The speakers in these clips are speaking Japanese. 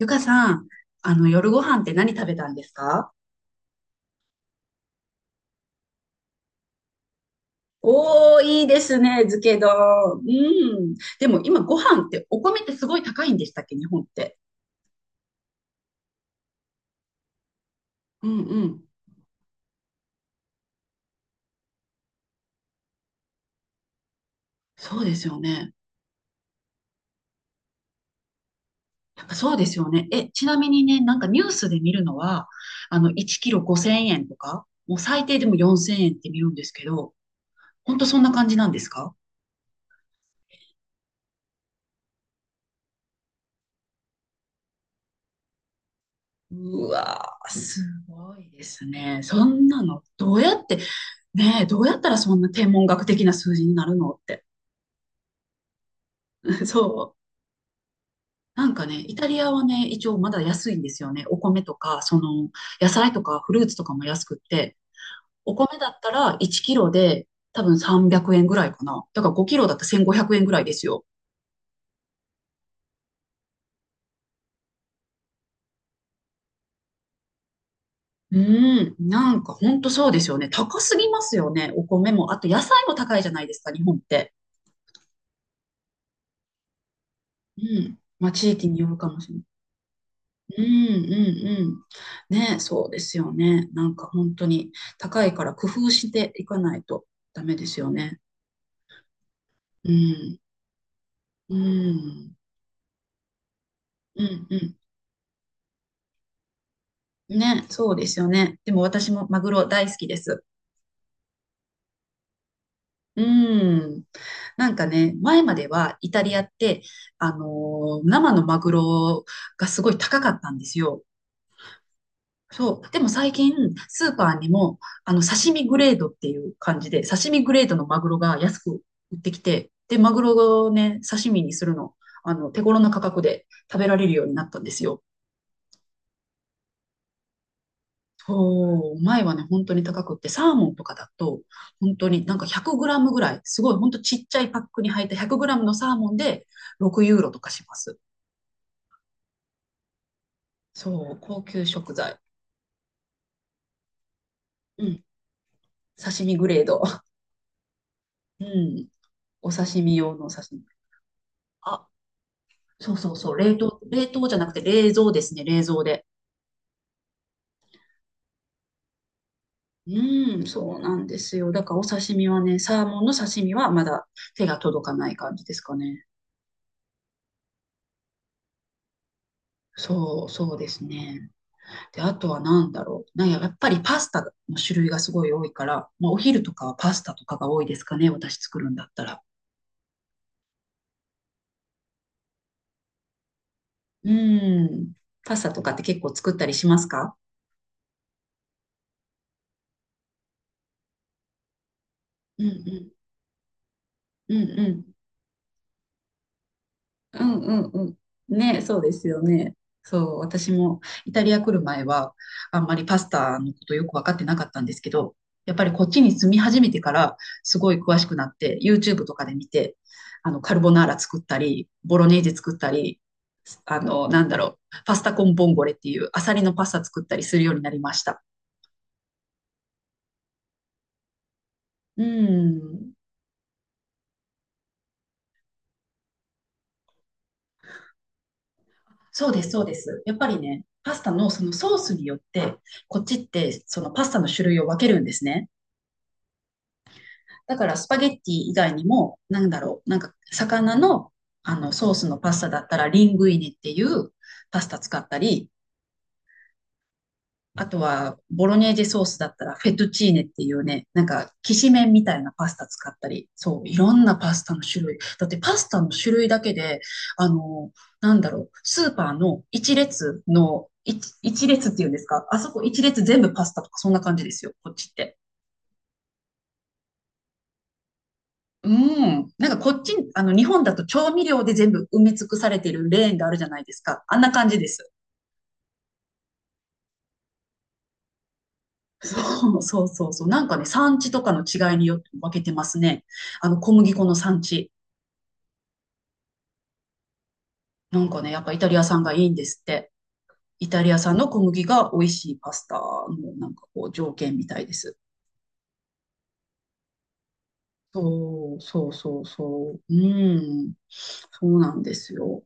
ゆかさん、夜ご飯って何食べたんですか？おー、いいですね、漬け丼。うん。でも今ご飯ってお米ってすごい高いんでしたっけ、日本って。うんうん。そうですよね。やっぱそうですよね。え、ちなみにね、なんかニュースで見るのは、1キロ5000円とか、もう最低でも4000円って見るんですけど、ほんとそんな感じなんですか？うわー、すごいですね。そんなの。どうやって、ねえ、どうやったらそんな天文学的な数字になるのって。そう。なんかね、イタリアはね、一応まだ安いんですよね。お米とか、野菜とかフルーツとかも安くって、お米だったら1キロで多分300円ぐらいかな。だから5キロだったら1500円ぐらいですよ。うーん、なんかほんとそうですよね。高すぎますよね。お米も。あと野菜も高いじゃないですか、日本って。うん。まあ地域によるかもしれない。うんうんうん。ね、そうですよね。なんか本当に高いから工夫していかないとダメですよね。うん。うん。うん、うん。ね、そうですよね。でも私もマグロ大好きです。うん。なんかね、前まではイタリアって、生のマグロがすごい高かったんですよ。そう。でも最近、スーパーにも、刺身グレードっていう感じで、刺身グレードのマグロが安く売ってきて、で、マグロをね、刺身にするの、手頃な価格で食べられるようになったんですよ。そう、前はね、本当に高くって、サーモンとかだと、本当になんか100グラムぐらい、すごい本当ちっちゃいパックに入った100グラムのサーモンで6ユーロとかします。そう、高級食材。うん、刺身グレード。うん、お刺身用の刺身。あ、そうそうそう、冷凍、冷凍じゃなくて冷蔵ですね、冷蔵で。うん、そうなんですよ。だからお刺身はね、サーモンの刺身はまだ手が届かない感じですかね。そう、そうですね。で、あとは何だろう。なんや、やっぱりパスタの種類がすごい多いから、まあ、お昼とかはパスタとかが多いですかね。私作るんだったら。うん。パスタとかって結構作ったりしますか？うんうん。うんうんうんうんうん。ね、そうですよね。そう、私もイタリア来る前は、あんまりパスタのことよく分かってなかったんですけど、やっぱりこっちに住み始めてから、すごい詳しくなって、YouTube とかで見て、カルボナーラ作ったり、ボロネーゼ作ったり、なんだろう、パスタコンボンゴレっていうアサリのパスタ作ったりするようになりました。うん。そうです、そうです。やっぱりね、パスタのそのソースによって、こっちってそのパスタの種類を分けるんですね。だからスパゲッティ以外にも、なんだろう、なんか魚の、あのソースのパスタだったらリングイネっていうパスタ使ったり、あとはボロネーゼソースだったらフェトチーネっていうね、なんかきしめんみたいなパスタ使ったり、そう、いろんなパスタの種類。だってパスタの種類だけで、あの、なんだろう、スーパーの一列の、一一列っていうんですか、あそこ一列全部パスタとかそんな感じですよ、こっちって。うん。なんかこっち、日本だと調味料で全部埋め尽くされてるレーンがあるじゃないですか。あんな感じです。そうそうそうそう。なんかね、産地とかの違いによって分けてますね。小麦粉の産地。なんかね、やっぱイタリア産がいいんですって。イタリア産の小麦が美味しいパスタのなんかこう条件みたいです。そう、そうそうそう。うん。そうなんですよ。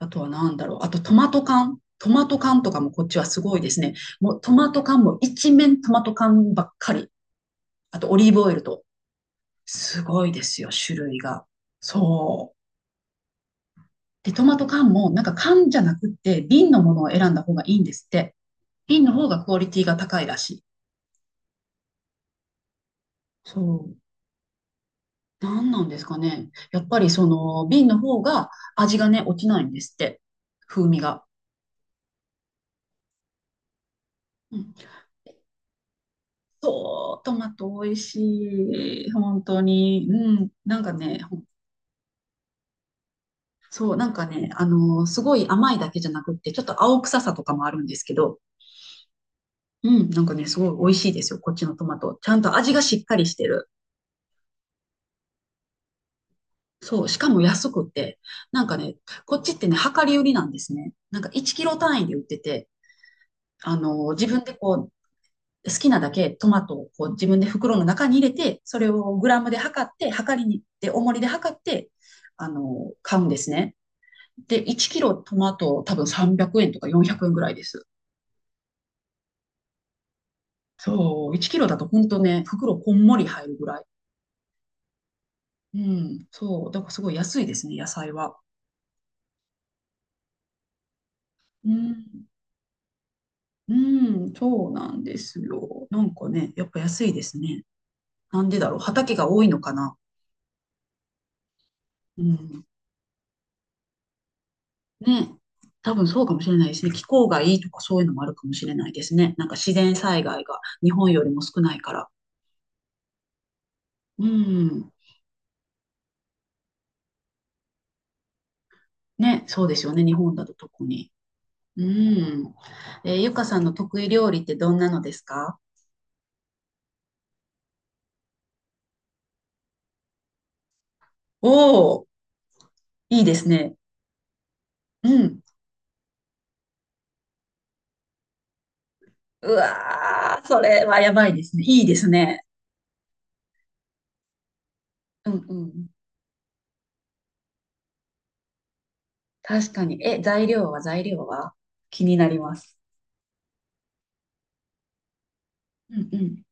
あとは何だろう。あとトマト缶。トマト缶とかもこっちはすごいですね。もうトマト缶も一面トマト缶ばっかり。あとオリーブオイルと。すごいですよ、種類が。そう。で、トマト缶もなんか缶じゃなくって瓶のものを選んだ方がいいんですって。瓶の方がクオリティが高いらしい。そう。何なんですかね。やっぱりその瓶の方が味がね、落ちないんですって。風味が。うん、そう、トマト美味しい。本当に。うん。なんかね、そう、なんかね、すごい甘いだけじゃなくって、ちょっと青臭さとかもあるんですけど、うん、なんかね、すごい美味しいですよ、こっちのトマト。ちゃんと味がしっかりしてる。そう、しかも安くって、なんかね、こっちってね、量り売りなんですね。なんか1キロ単位で売ってて、自分でこう、好きなだけトマトをこう自分で袋の中に入れて、それをグラムで測って、測りに行って、重りで測って、買うんですね。で、1キロトマト多分300円とか400円ぐらいです。そう、1キロだと本当ね、袋こんもり入るぐらい。うん、そう、だからすごい安いですね、野菜は。うん、うん、そうなんですよ。なんかね、やっぱ安いですね。なんでだろう、畑が多いのかな。うん。ね、多分そうかもしれないですね。気候がいいとかそういうのもあるかもしれないですね。なんか自然災害が日本よりも少ないから。うん。ね、そうですよね。日本だと特に。うん。ゆかさんの得意料理ってどんなのですか？おおー、いいですね。うん。うわー、それはやばいですね。いいですね。うんうん。確かに。え、材料は気になります。うんうん。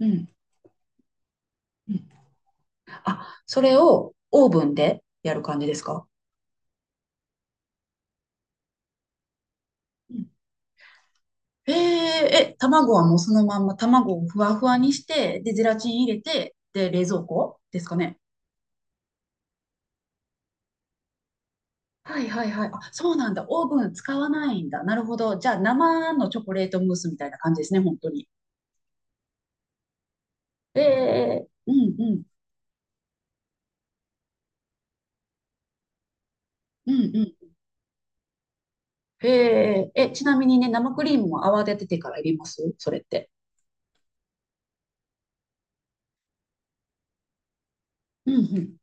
うんうん。あ、それをオーブンでやる感じですか？え、卵はもうそのまんま卵をふわふわにして、で、ゼラチン入れて、で、冷蔵庫ですかね。はいはいはい。あ、そうなんだ。オーブン使わないんだ。なるほど。じゃあ、生のチョコレートムースみたいな感じですね、本当に。ええうんうん。うんうん。へえ、え、ちなみにね、生クリームも泡立ててから入れますそれって。うんうん。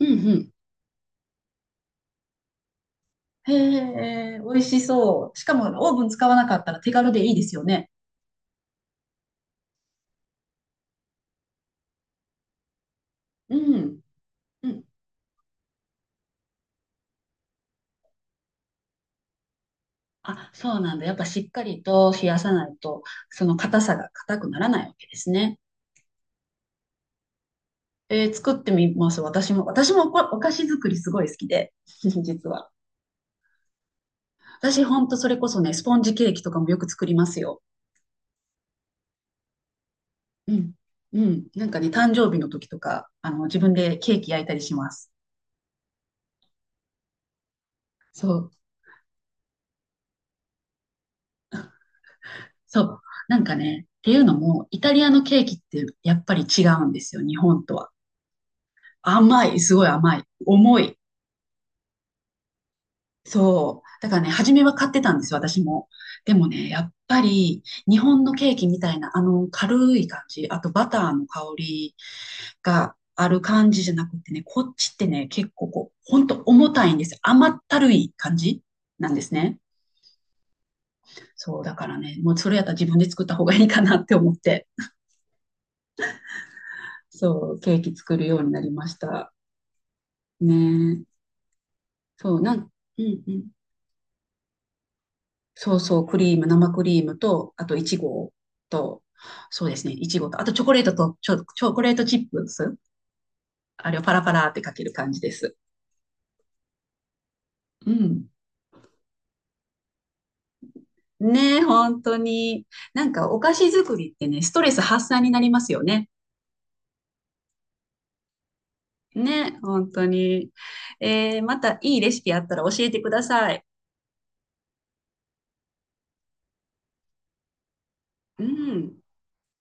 うんうん。へえ、美味しそう。しかも、オーブン使わなかったら手軽でいいですよね。うん。うんあ、そうなんだ。やっぱしっかりと冷やさないと、その硬さが硬くならないわけですね。作ってみます。私もお菓子作りすごい好きで、実は。私ほんとそれこそね、スポンジケーキとかもよく作りますよ。うん。うん。なんかね、誕生日の時とか、自分でケーキ焼いたりします。そう。そう。なんかね、っていうのも、イタリアのケーキってやっぱり違うんですよ、日本とは。甘い、すごい甘い。重い。そう。だからね、初めは買ってたんですよ、私も。でもね、やっぱり日本のケーキみたいな、あの軽い感じ、あとバターの香りがある感じじゃなくてね、こっちってね、結構こう、ほんと重たいんですよ。甘ったるい感じなんですね。そう、だからね、もうそれやったら自分で作った方がいいかなって思って、そう、ケーキ作るようになりました。ねえ。そう、うんうん。そうそう、クリーム、生クリームと、あといちごと、そうですね、いちごと、あとチョコレートと、チョコレートチップス、あれをパラパラってかける感じです。うん。ねえ、本当に。なんかお菓子作りってね、ストレス発散になりますよね。ねえ、本当に。またいいレシピあったら教えてください。うん。